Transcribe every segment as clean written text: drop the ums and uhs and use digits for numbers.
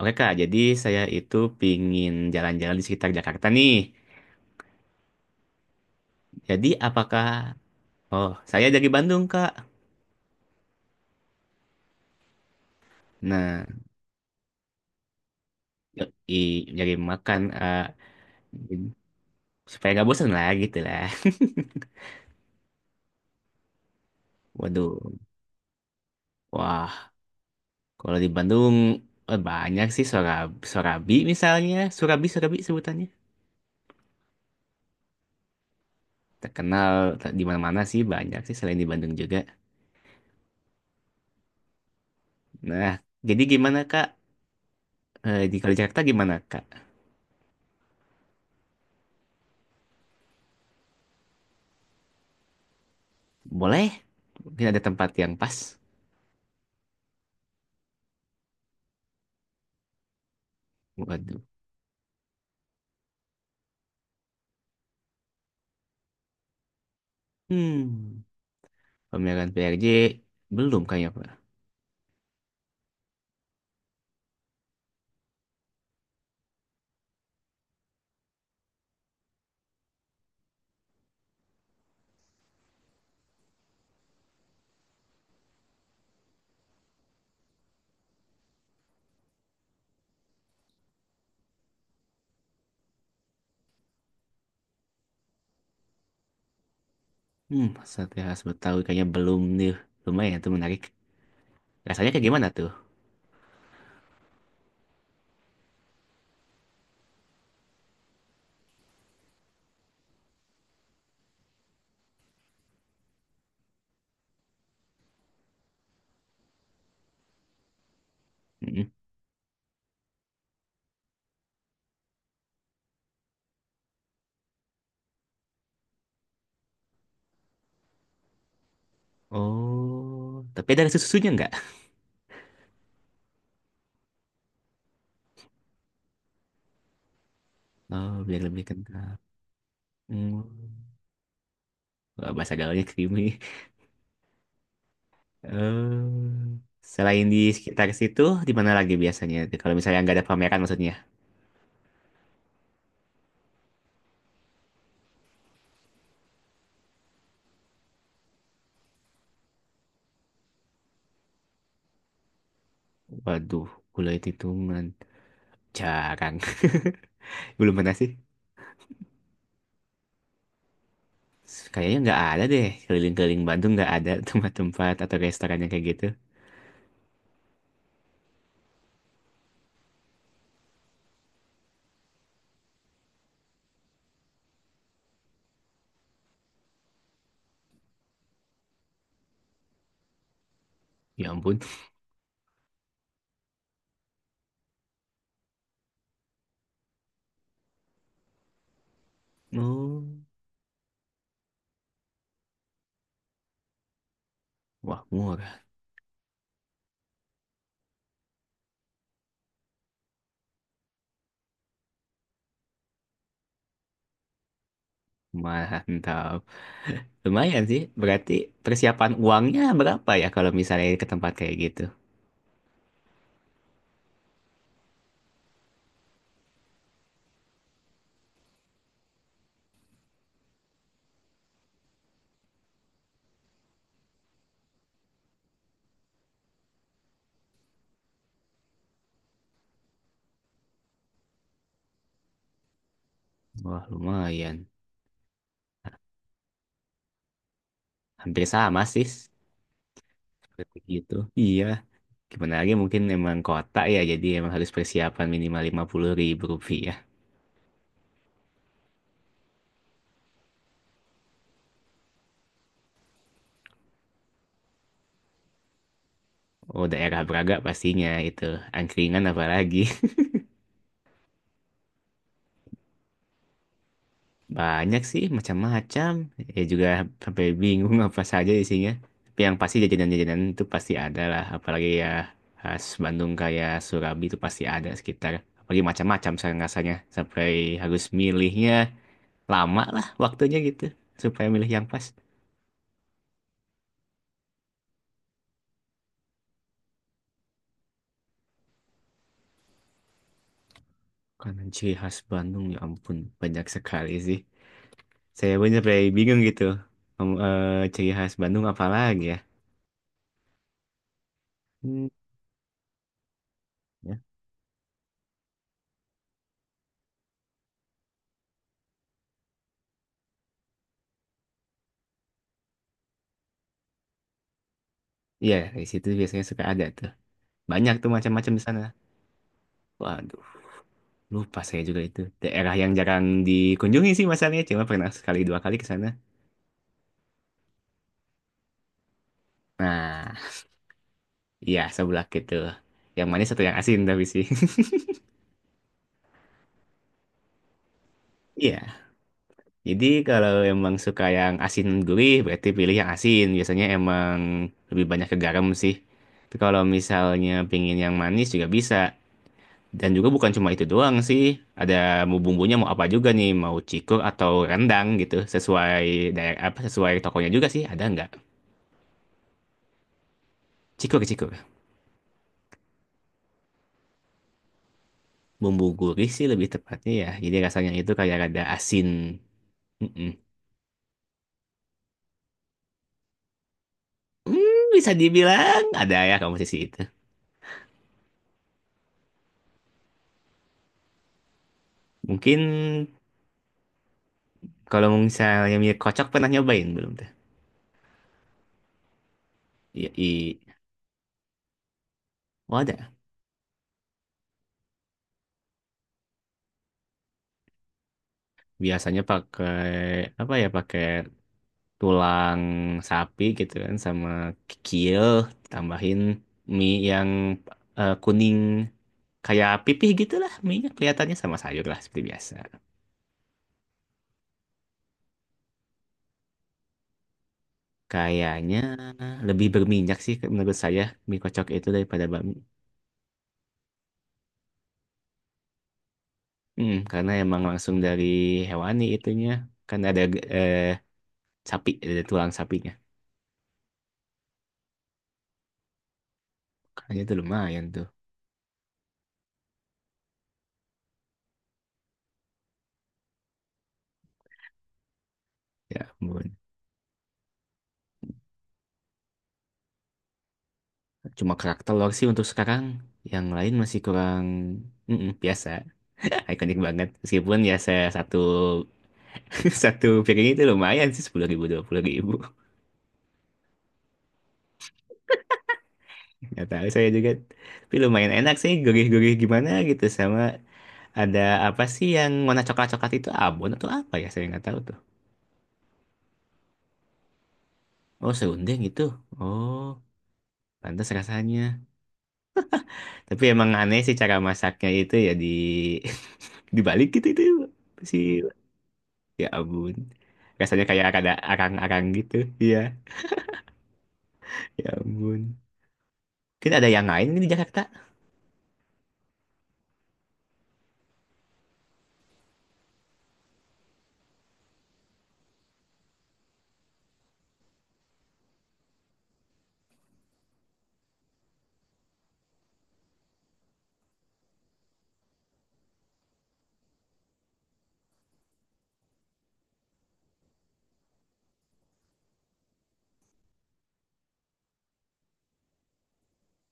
Oke Kak, jadi saya itu pingin jalan-jalan di sekitar Jakarta nih. Jadi apakah, oh saya dari Bandung Kak. Nah, i nyari makan, supaya nggak bosan lah gitu lah. Waduh, wah kalau di Bandung banyak sih Sorabi, Sorabi misalnya, Surabi Surabi sebutannya. Terkenal di mana-mana sih banyak sih selain di Bandung juga. Nah, jadi gimana Kak? Eh, di Kalau di Jakarta gimana Kak? Boleh? Mungkin ada tempat yang pas. Waduh. Hmm, Pameran PRJ belum kayaknya Pak. Sate khas Betawi kayaknya belum nih. Lumayan tuh menarik. Rasanya kayak gimana tuh? Mm-mm. Oh, tapi ada rasa susunya nggak? Oh, biar lebih kental. Hmm. Wah, bahasa gaulnya creamy. Eh, Selain di sekitar situ, di mana lagi biasanya? Kalau misalnya nggak ada pameran maksudnya. Waduh, gulai titungan. Jarang. Belum pernah sih. Kayaknya nggak ada deh. Keliling-keliling Bandung nggak ada tempat-tempat atau restoran yang kayak gitu. Ya ampun. Oh, wah murah. Mantap. Lumayan sih. Berarti persiapan uangnya berapa ya kalau misalnya ke tempat kayak gitu? Wah, lumayan. Hampir sama sih. Seperti gitu. Iya. Gimana lagi mungkin emang kota ya, jadi emang harus persiapan minimal 50.000 rupiah. Oh, daerah Braga pastinya itu. Angkringan apalagi. Banyak sih, macam-macam. Ya juga sampai bingung apa saja isinya. Tapi yang pasti jajanan-jajanan itu pasti ada lah. Apalagi ya khas Bandung kayak Surabi itu pasti ada sekitar. Apalagi macam-macam sekarang rasanya. Sampai harus milihnya lama lah waktunya gitu. Supaya milih yang pas. Karena ciri khas Bandung ya ampun banyak sekali sih. Saya pun sampai bingung gitu. Ciri khas Bandung apa lagi ya? Hmm, ya. Iya, di situ biasanya suka ada tuh. Banyak tuh macam-macam di sana. Waduh, lupa saya juga itu. Daerah yang jarang dikunjungi sih masalahnya, cuma pernah sekali dua kali ke sana. Nah, iya sebelah gitu. Yang manis satu yang asin tapi sih. Iya. Jadi kalau emang suka yang asin gurih, berarti pilih yang asin. Biasanya emang lebih banyak ke garam sih. Tapi kalau misalnya pingin yang manis juga bisa. Dan juga bukan cuma itu doang sih. Ada mau bumbunya mau apa juga nih, mau cikur atau rendang gitu. Sesuai daerah apa sesuai tokonya juga sih, ada nggak? Cikur, cikur. Bumbu gurih sih lebih tepatnya ya. Jadi rasanya itu kayak ada asin. Mm-mm. Bisa dibilang ada ya kamu sisi itu. Mungkin kalau misalnya mie kocok pernah nyobain belum tuh? Iya. Oh ada. Biasanya pakai apa ya? Pakai tulang sapi gitu kan sama kikil tambahin mie yang kuning kayak pipih gitu lah mie-nya kelihatannya sama sayur lah seperti biasa. Kayaknya lebih berminyak sih menurut saya mie kocok itu daripada bakmi. Mm, karena emang langsung dari hewani itunya. Kan ada eh, sapi, ada tulang sapinya. Kayaknya itu lumayan tuh. Ya ampun. Cuma kerak telur sih untuk sekarang. Yang lain masih kurang. Mm-mm, biasa. Ikonik banget. Meskipun ya saya satu satu piring itu lumayan sih 10.000, 20.000. Nggak tahu saya juga. Tapi lumayan enak sih gurih-gurih gimana gitu sama. Ada apa sih yang warna coklat-coklat itu abon atau apa ya? Saya nggak tahu tuh. Oh, serundeng gitu. Oh, pantas rasanya. Tapi emang aneh sih cara masaknya itu ya di dibalik gitu itu sih. Ya ampun. Rasanya kayak ada arang-arang gitu. Iya. Ya ampun. Mungkin ada yang lain di Jakarta?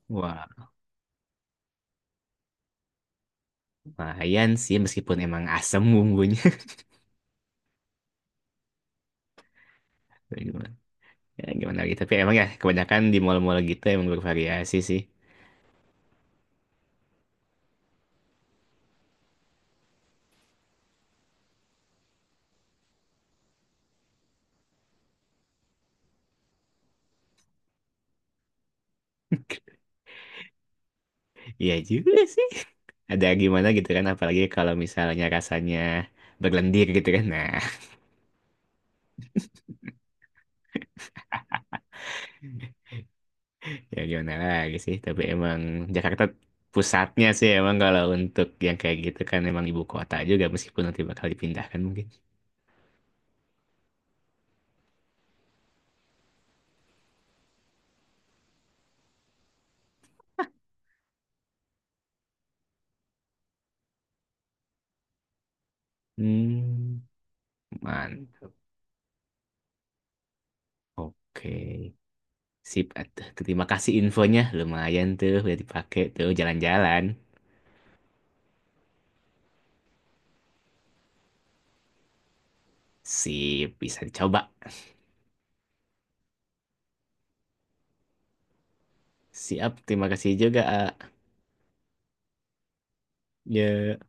Wah, lumayan sih meskipun emang asem bumbunya. Ya gimana, ya, gimana lagi? Tapi emang ya kebanyakan di mall-mall gitu emang bervariasi sih. Iya juga sih. Ada gimana gitu kan apalagi kalau misalnya rasanya berlendir gitu kan nah ya gimana lagi sih tapi emang Jakarta pusatnya sih emang kalau untuk yang kayak gitu kan emang ibu kota juga meskipun nanti bakal dipindahkan mungkin. Hmm, mantap, oke, sip atuh. Terima kasih infonya lumayan tuh udah dipakai tuh jalan-jalan. Sip bisa dicoba. Siap terima kasih juga A. Ya